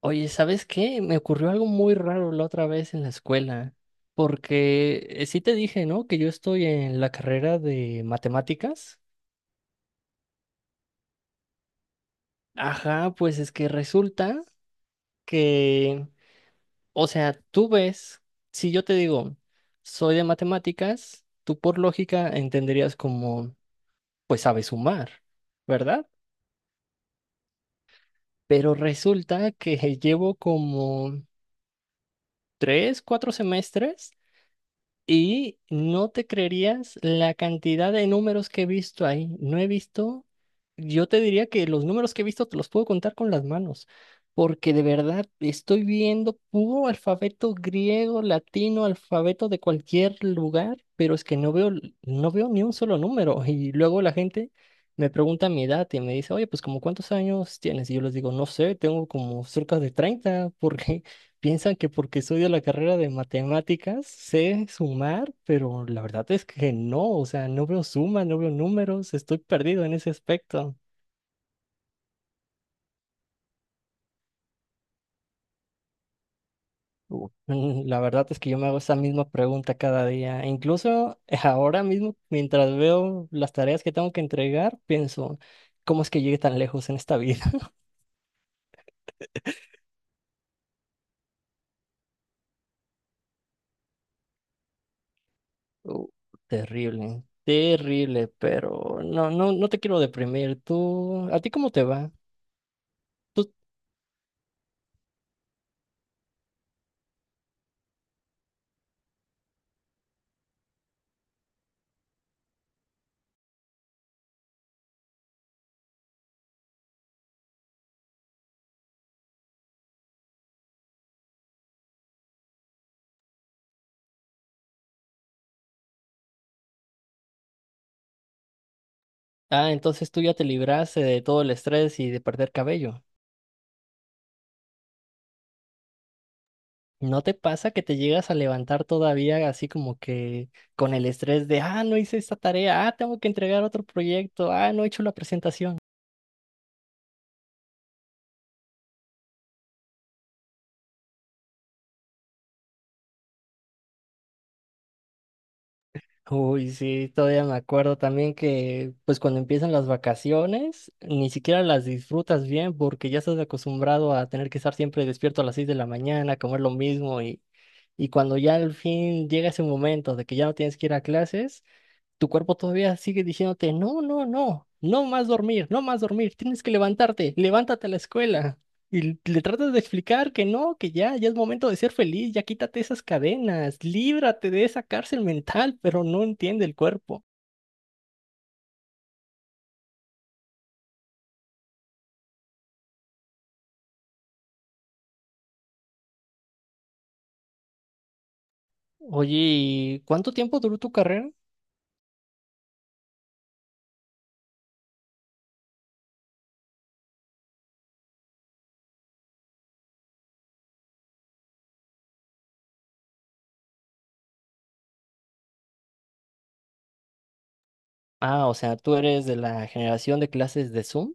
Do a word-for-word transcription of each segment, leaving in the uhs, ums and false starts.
Oye, ¿sabes qué? Me ocurrió algo muy raro la otra vez en la escuela, porque eh, sí te dije, ¿no? Que yo estoy en la carrera de matemáticas. Ajá, pues es que resulta que, o sea, tú ves, si yo te digo, soy de matemáticas, tú por lógica entenderías como, pues sabes sumar, ¿verdad? Pero resulta que llevo como tres, cuatro semestres. Y no te creerías la cantidad de números que he visto ahí. No he visto, yo te diría que los números que he visto te los puedo contar con las manos, porque de verdad estoy viendo puro alfabeto griego, latino, alfabeto de cualquier lugar, pero es que no veo, no veo ni un solo número. Y luego la gente me pregunta mi edad y me dice, oye, pues ¿como cuántos años tienes? Y yo les digo, no sé, tengo como cerca de treinta, porque piensan que porque estudio la carrera de matemáticas sé sumar, pero la verdad es que no, o sea, no veo sumas, no veo números, estoy perdido en ese aspecto. Uh, mm, La verdad es que yo me hago esa misma pregunta cada día. Incluso eh, ahora mismo, mientras veo las tareas que tengo que entregar, pienso, ¿cómo es que llegué tan lejos en esta vida? Uh, Terrible, terrible, pero no, no, no te quiero deprimir. ¿Tú, a ti cómo te va? Ah, entonces tú ya te libraste de todo el estrés y de perder cabello. ¿No te pasa que te llegas a levantar todavía así como que con el estrés de, ah, no hice esta tarea, ah, tengo que entregar otro proyecto, ah, no he hecho la presentación? Uy, sí, todavía me acuerdo también que pues cuando empiezan las vacaciones, ni siquiera las disfrutas bien porque ya estás acostumbrado a tener que estar siempre despierto a las seis de la mañana, comer lo mismo y, y cuando ya al fin llega ese momento de que ya no tienes que ir a clases, tu cuerpo todavía sigue diciéndote, no, no, no, no más dormir, no más dormir, tienes que levantarte, levántate a la escuela. Y le tratas de explicar que no, que ya, ya es momento de ser feliz, ya quítate esas cadenas, líbrate de esa cárcel mental, pero no entiende el cuerpo. Oye, ¿y cuánto tiempo duró tu carrera? Ah, o sea, tú eres de la generación de clases de Zoom.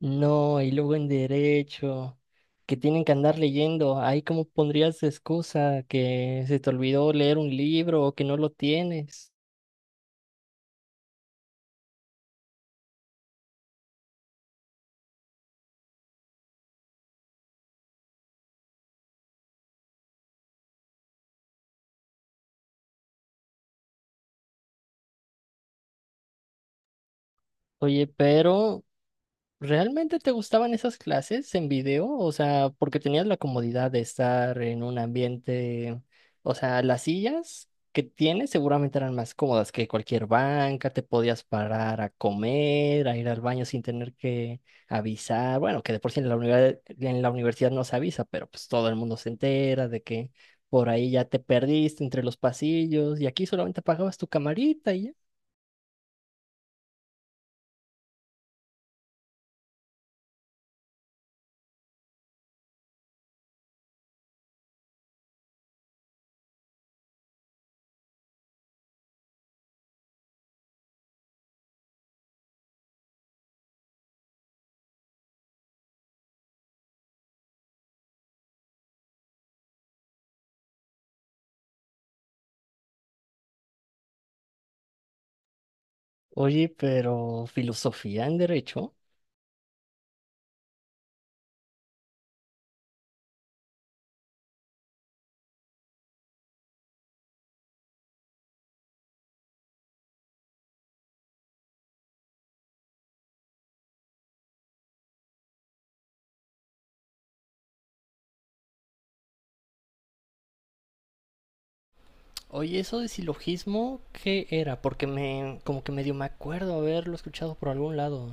No, y luego en derecho, que tienen que andar leyendo. Ahí cómo pondrías de excusa que se te olvidó leer un libro o que no lo tienes. Oye, pero ¿realmente te gustaban esas clases en video? O sea, porque tenías la comodidad de estar en un ambiente, o sea, las sillas que tienes seguramente eran más cómodas que cualquier banca, te podías parar a comer, a ir al baño sin tener que avisar. Bueno, que de por sí en la universidad, en la universidad no se avisa, pero pues todo el mundo se entera de que por ahí ya te perdiste entre los pasillos y aquí solamente pagabas tu camarita y ya. Oye, pero filosofía en derecho. Oye, eso de silogismo, ¿qué era? Porque me, como que medio me acuerdo haberlo escuchado por algún lado.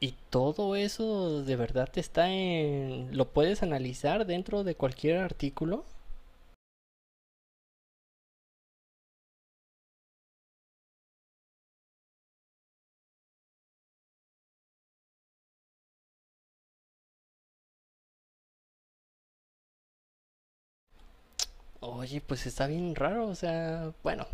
Y todo eso de verdad está en... ¿Lo puedes analizar dentro de cualquier artículo? Oye, pues está bien raro, o sea, bueno,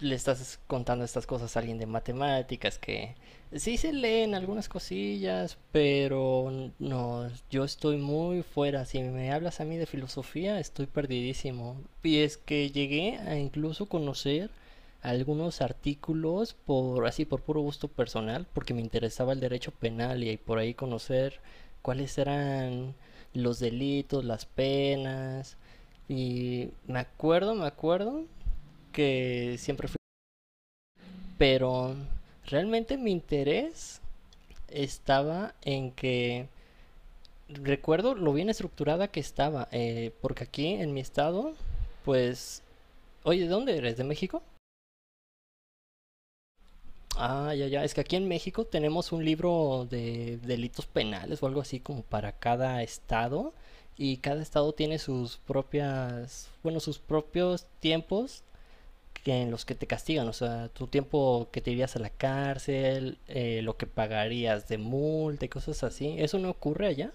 le estás contando estas cosas a alguien de matemáticas que sí se leen algunas cosillas, pero no, yo estoy muy fuera. Si me hablas a mí de filosofía, estoy perdidísimo. Y es que llegué a incluso conocer algunos artículos por así por puro gusto personal, porque me interesaba el derecho penal y por ahí conocer cuáles eran los delitos, las penas. Y me acuerdo, me acuerdo que siempre fui, pero realmente mi interés estaba en que recuerdo lo bien estructurada que estaba, eh, porque aquí en mi estado, pues, oye, ¿de dónde eres? ¿De México? Ah, ya, ya, es que aquí en México tenemos un libro de delitos penales o algo así como para cada estado y cada estado tiene sus propias, bueno, sus propios tiempos que en los que te castigan, o sea, tu tiempo que te irías a la cárcel, eh, lo que pagarías de multa y cosas así. ¿Eso no ocurre allá?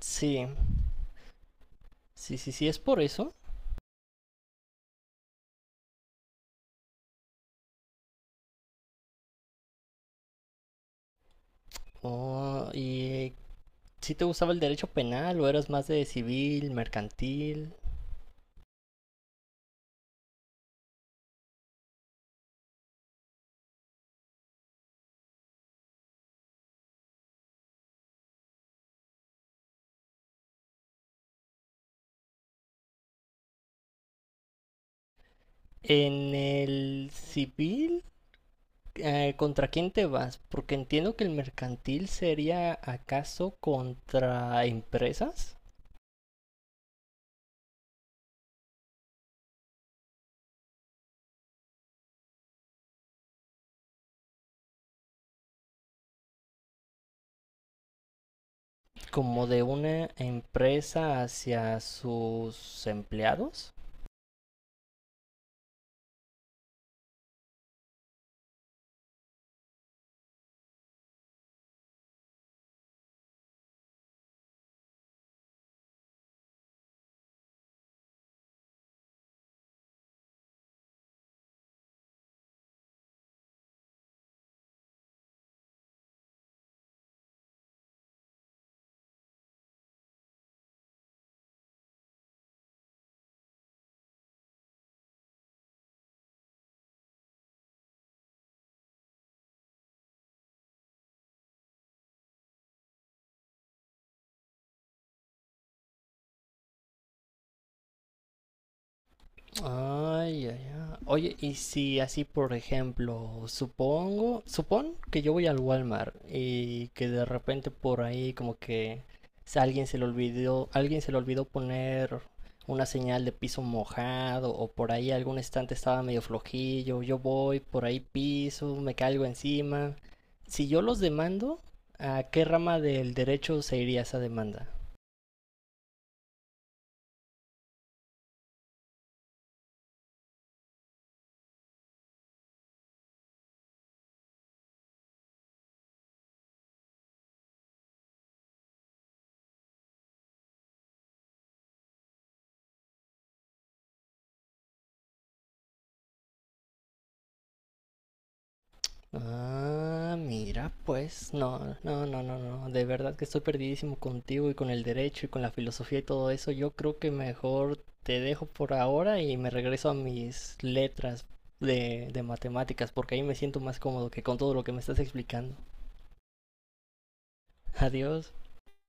Sí, sí, sí, sí, es por eso. Oh, ¿y si te gustaba el derecho penal o eras más de civil, mercantil? En el civil, eh, ¿contra quién te vas? Porque entiendo que el mercantil sería acaso contra empresas. Como de una empresa hacia sus empleados. Ay, ay, ay. Oye, y si así, por ejemplo, supongo, supón que yo voy al Walmart y que de repente por ahí como que si alguien se le olvidó, alguien se le olvidó poner una señal de piso mojado o por ahí algún estante estaba medio flojillo, yo voy, por ahí piso, me caigo encima. Si yo los demando, ¿a qué rama del derecho se iría esa demanda? Ah, mira, pues, no, no, no, no, no, de verdad que estoy perdidísimo contigo y con el derecho y con la filosofía y todo eso. Yo creo que mejor te dejo por ahora y me regreso a mis letras de, de matemáticas, porque ahí me siento más cómodo que con todo lo que me estás explicando. Adiós.